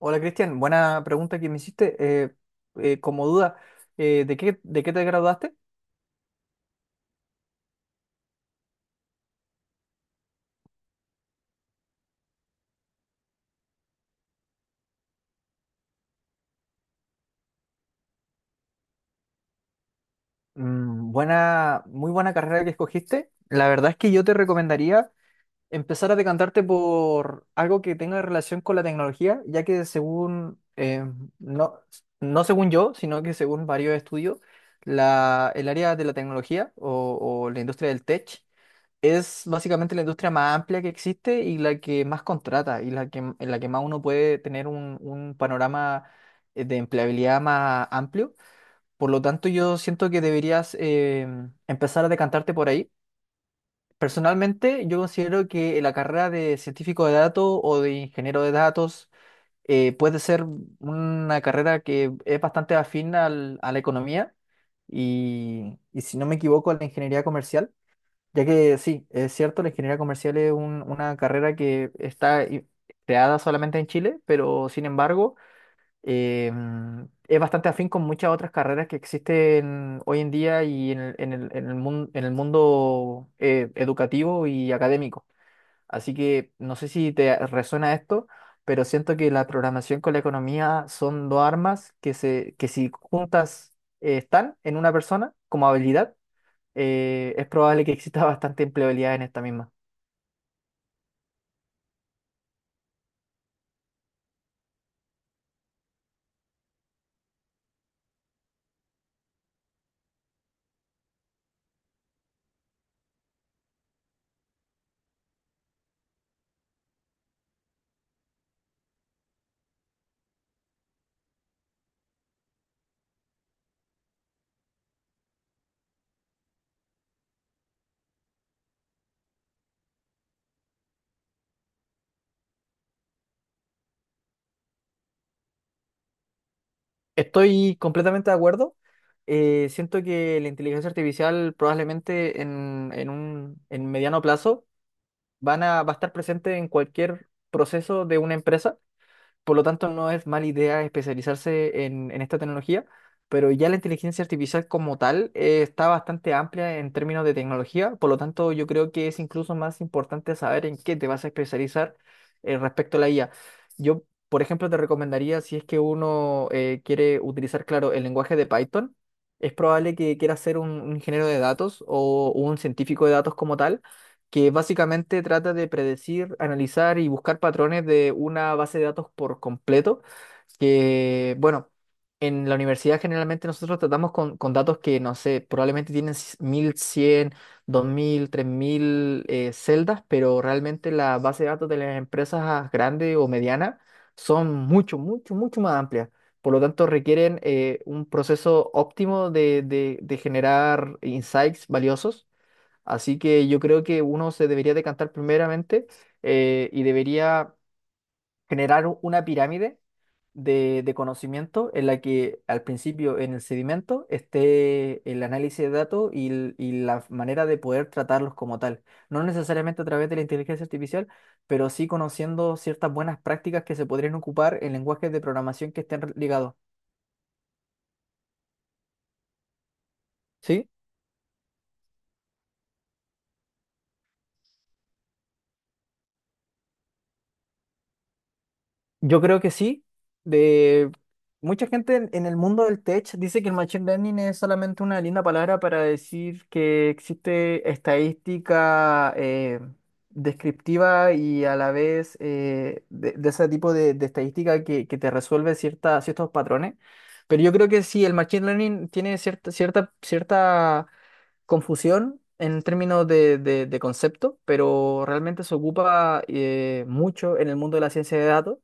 Hola Cristian, buena pregunta que me hiciste. Eh, como duda, ¿de qué te graduaste? Mm, buena, muy buena carrera que escogiste. La verdad es que yo te recomendaría empezar a decantarte por algo que tenga relación con la tecnología, ya que según, no, no según yo, sino que según varios estudios, el área de la tecnología o la industria del tech. Es básicamente la industria más amplia que existe y la que más contrata y en la que más uno puede tener un panorama de empleabilidad más amplio. Por lo tanto, yo siento que deberías empezar a decantarte por ahí. Personalmente, yo considero que la carrera de científico de datos o de ingeniero de datos puede ser una carrera que es bastante afín a la economía y, si no me equivoco, a la ingeniería comercial. Ya que sí, es cierto, la ingeniería comercial es una carrera que está creada solamente en Chile, pero sin embargo es bastante afín con muchas otras carreras que existen hoy en día y en el mundo educativo y académico. Así que no sé si te resuena esto, pero siento que la programación con la economía son dos armas que si juntas están en una persona como habilidad es probable que exista bastante empleabilidad en esta misma. Estoy completamente de acuerdo. Siento que la inteligencia artificial probablemente en mediano plazo va a estar presente en cualquier proceso de una empresa. Por lo tanto, no es mala idea especializarse en esta tecnología, pero ya la inteligencia artificial como tal está bastante amplia en términos de tecnología, por lo tanto, yo creo que es incluso más importante saber en qué te vas a especializar respecto a la IA. Yo, por ejemplo, te recomendaría, si es que uno quiere utilizar, claro, el lenguaje de Python, es probable que quiera ser un ingeniero de datos o un científico de datos como tal que básicamente trata de predecir, analizar y buscar patrones de una base de datos por completo, que, bueno, en la universidad generalmente nosotros tratamos con datos que, no sé, probablemente tienen 1100, 2000, 3000 celdas, pero realmente la base de datos de las empresas grandes o medianas son mucho, mucho, mucho más amplias. Por lo tanto, requieren un proceso óptimo de generar insights valiosos. Así que yo creo que uno se debería decantar primeramente y debería generar una pirámide de conocimiento en la que al principio en el sedimento esté el análisis de datos y la manera de poder tratarlos como tal. No necesariamente a través de la inteligencia artificial, pero sí conociendo ciertas buenas prácticas que se podrían ocupar en lenguajes de programación que estén ligados. ¿Sí? Yo creo que sí. De mucha gente en el mundo del tech dice que el machine learning es solamente una linda palabra para decir que existe estadística descriptiva y a la vez de ese tipo de estadística que te resuelve cierta, ciertos patrones. Pero yo creo que sí, el machine learning tiene cierta confusión en términos de concepto, pero realmente se ocupa mucho en el mundo de la ciencia de datos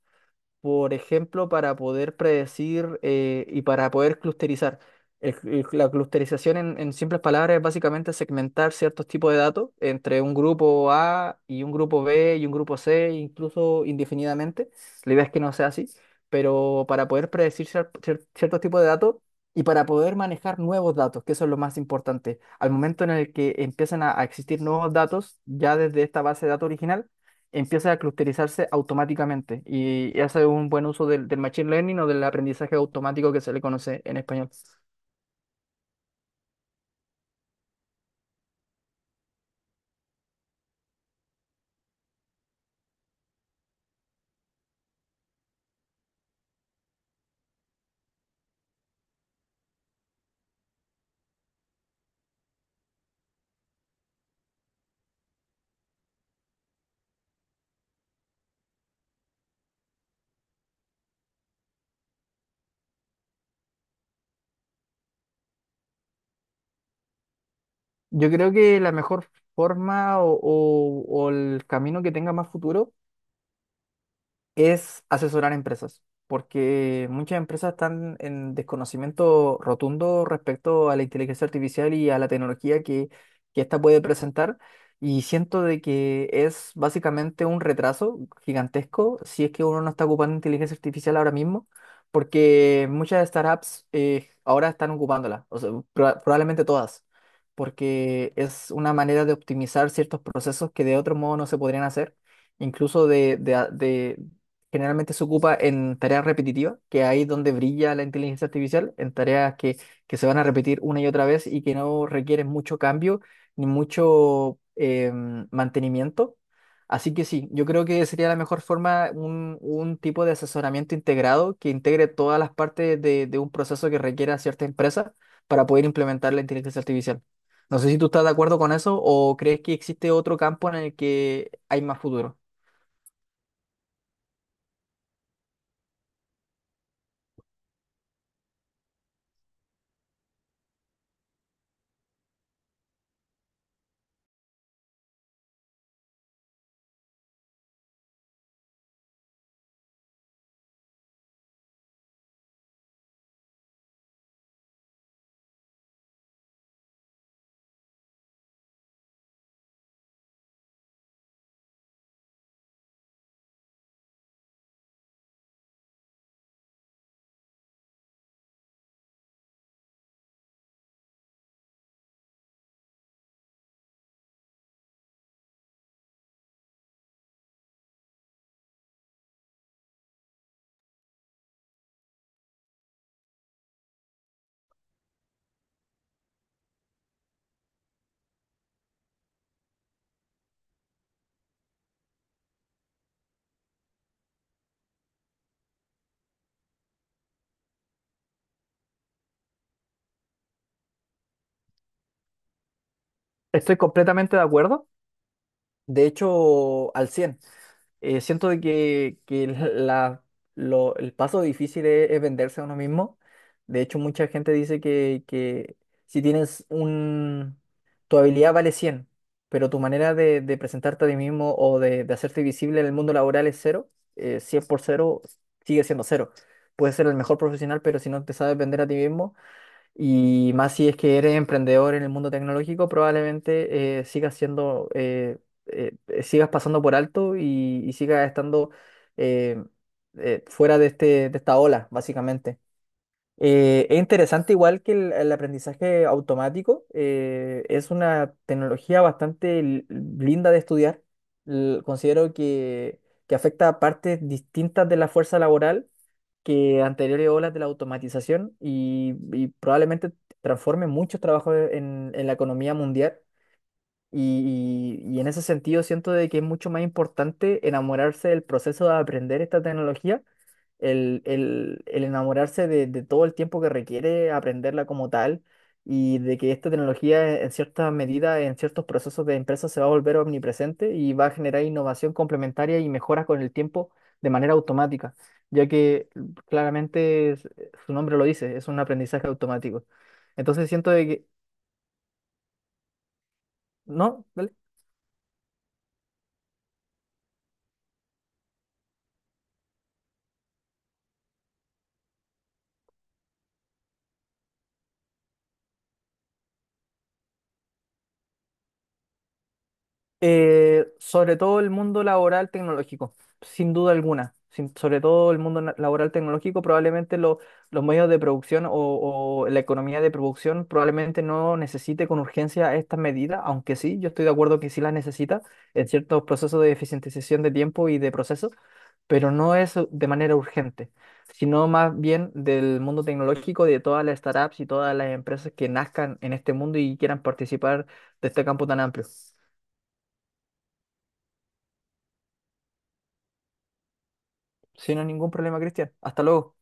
por ejemplo, para poder predecir y para poder clusterizar. La clusterización, en simples palabras, es básicamente segmentar ciertos tipos de datos entre un grupo A y un grupo B y un grupo C, incluso indefinidamente. La idea es que no sea así, pero para poder predecir ciertos tipos de datos y para poder manejar nuevos datos, que eso es lo más importante. Al momento en el que empiezan a existir nuevos datos, ya desde esta base de datos original, empieza a clusterizarse automáticamente y hace un buen uso del machine learning o del aprendizaje automático que se le conoce en español. Yo creo que la mejor forma o el camino que tenga más futuro es asesorar a empresas, porque muchas empresas están en desconocimiento rotundo respecto a la inteligencia artificial y a la tecnología que ésta puede presentar, y siento de que es básicamente un retraso gigantesco si es que uno no está ocupando inteligencia artificial ahora mismo, porque muchas startups ahora están ocupándola, o sea, probablemente todas. Porque es una manera de optimizar ciertos procesos que de otro modo no se podrían hacer incluso generalmente se ocupa en tareas repetitivas, que ahí es donde brilla la inteligencia artificial, en tareas que se van a repetir una y otra vez y que no requieren mucho cambio ni mucho mantenimiento. Así que sí, yo creo que sería la mejor forma un tipo de asesoramiento integrado que integre todas las partes de un proceso que requiera cierta empresa para poder implementar la inteligencia artificial. No sé si tú estás de acuerdo con eso o crees que existe otro campo en el que hay más futuro. Estoy completamente de acuerdo. De hecho, al 100. Siento de que el paso difícil es venderse a uno mismo. De hecho, mucha gente dice que si tienes un... tu habilidad vale 100, pero tu manera de presentarte a ti mismo o de hacerte visible en el mundo laboral es cero. 100 por cero sigue siendo cero. Puedes ser el mejor profesional, pero si no te sabes vender a ti mismo, y más si es que eres emprendedor en el mundo tecnológico, probablemente sigas pasando por alto y sigas estando eh, fuera de esta ola, básicamente. Es interesante igual que el aprendizaje automático, es una tecnología bastante linda de estudiar. Considero que afecta a partes distintas de la fuerza laboral que anteriores olas de la automatización y probablemente transforme muchos trabajos en la economía mundial. Y en ese sentido siento de que es mucho más importante enamorarse del proceso de aprender esta tecnología, el enamorarse de todo el tiempo que requiere aprenderla como tal y de que esta tecnología en cierta medida, en ciertos procesos de empresa se va a volver omnipresente y va a generar innovación complementaria y mejoras con el tiempo de manera automática, ya que claramente su nombre lo dice, es un aprendizaje automático. Entonces siento de que... ¿No? Sobre todo el mundo laboral tecnológico, sin duda alguna. Sobre todo el mundo laboral tecnológico, probablemente los medios de producción o la economía de producción probablemente no necesite con urgencia estas medidas, aunque sí, yo estoy de acuerdo que sí las necesita en ciertos procesos de eficientización de tiempo y de procesos, pero no es de manera urgente, sino más bien del mundo tecnológico, de todas las startups y todas las empresas que nazcan en este mundo y quieran participar de este campo tan amplio. Sin ningún problema, Cristian. Hasta luego.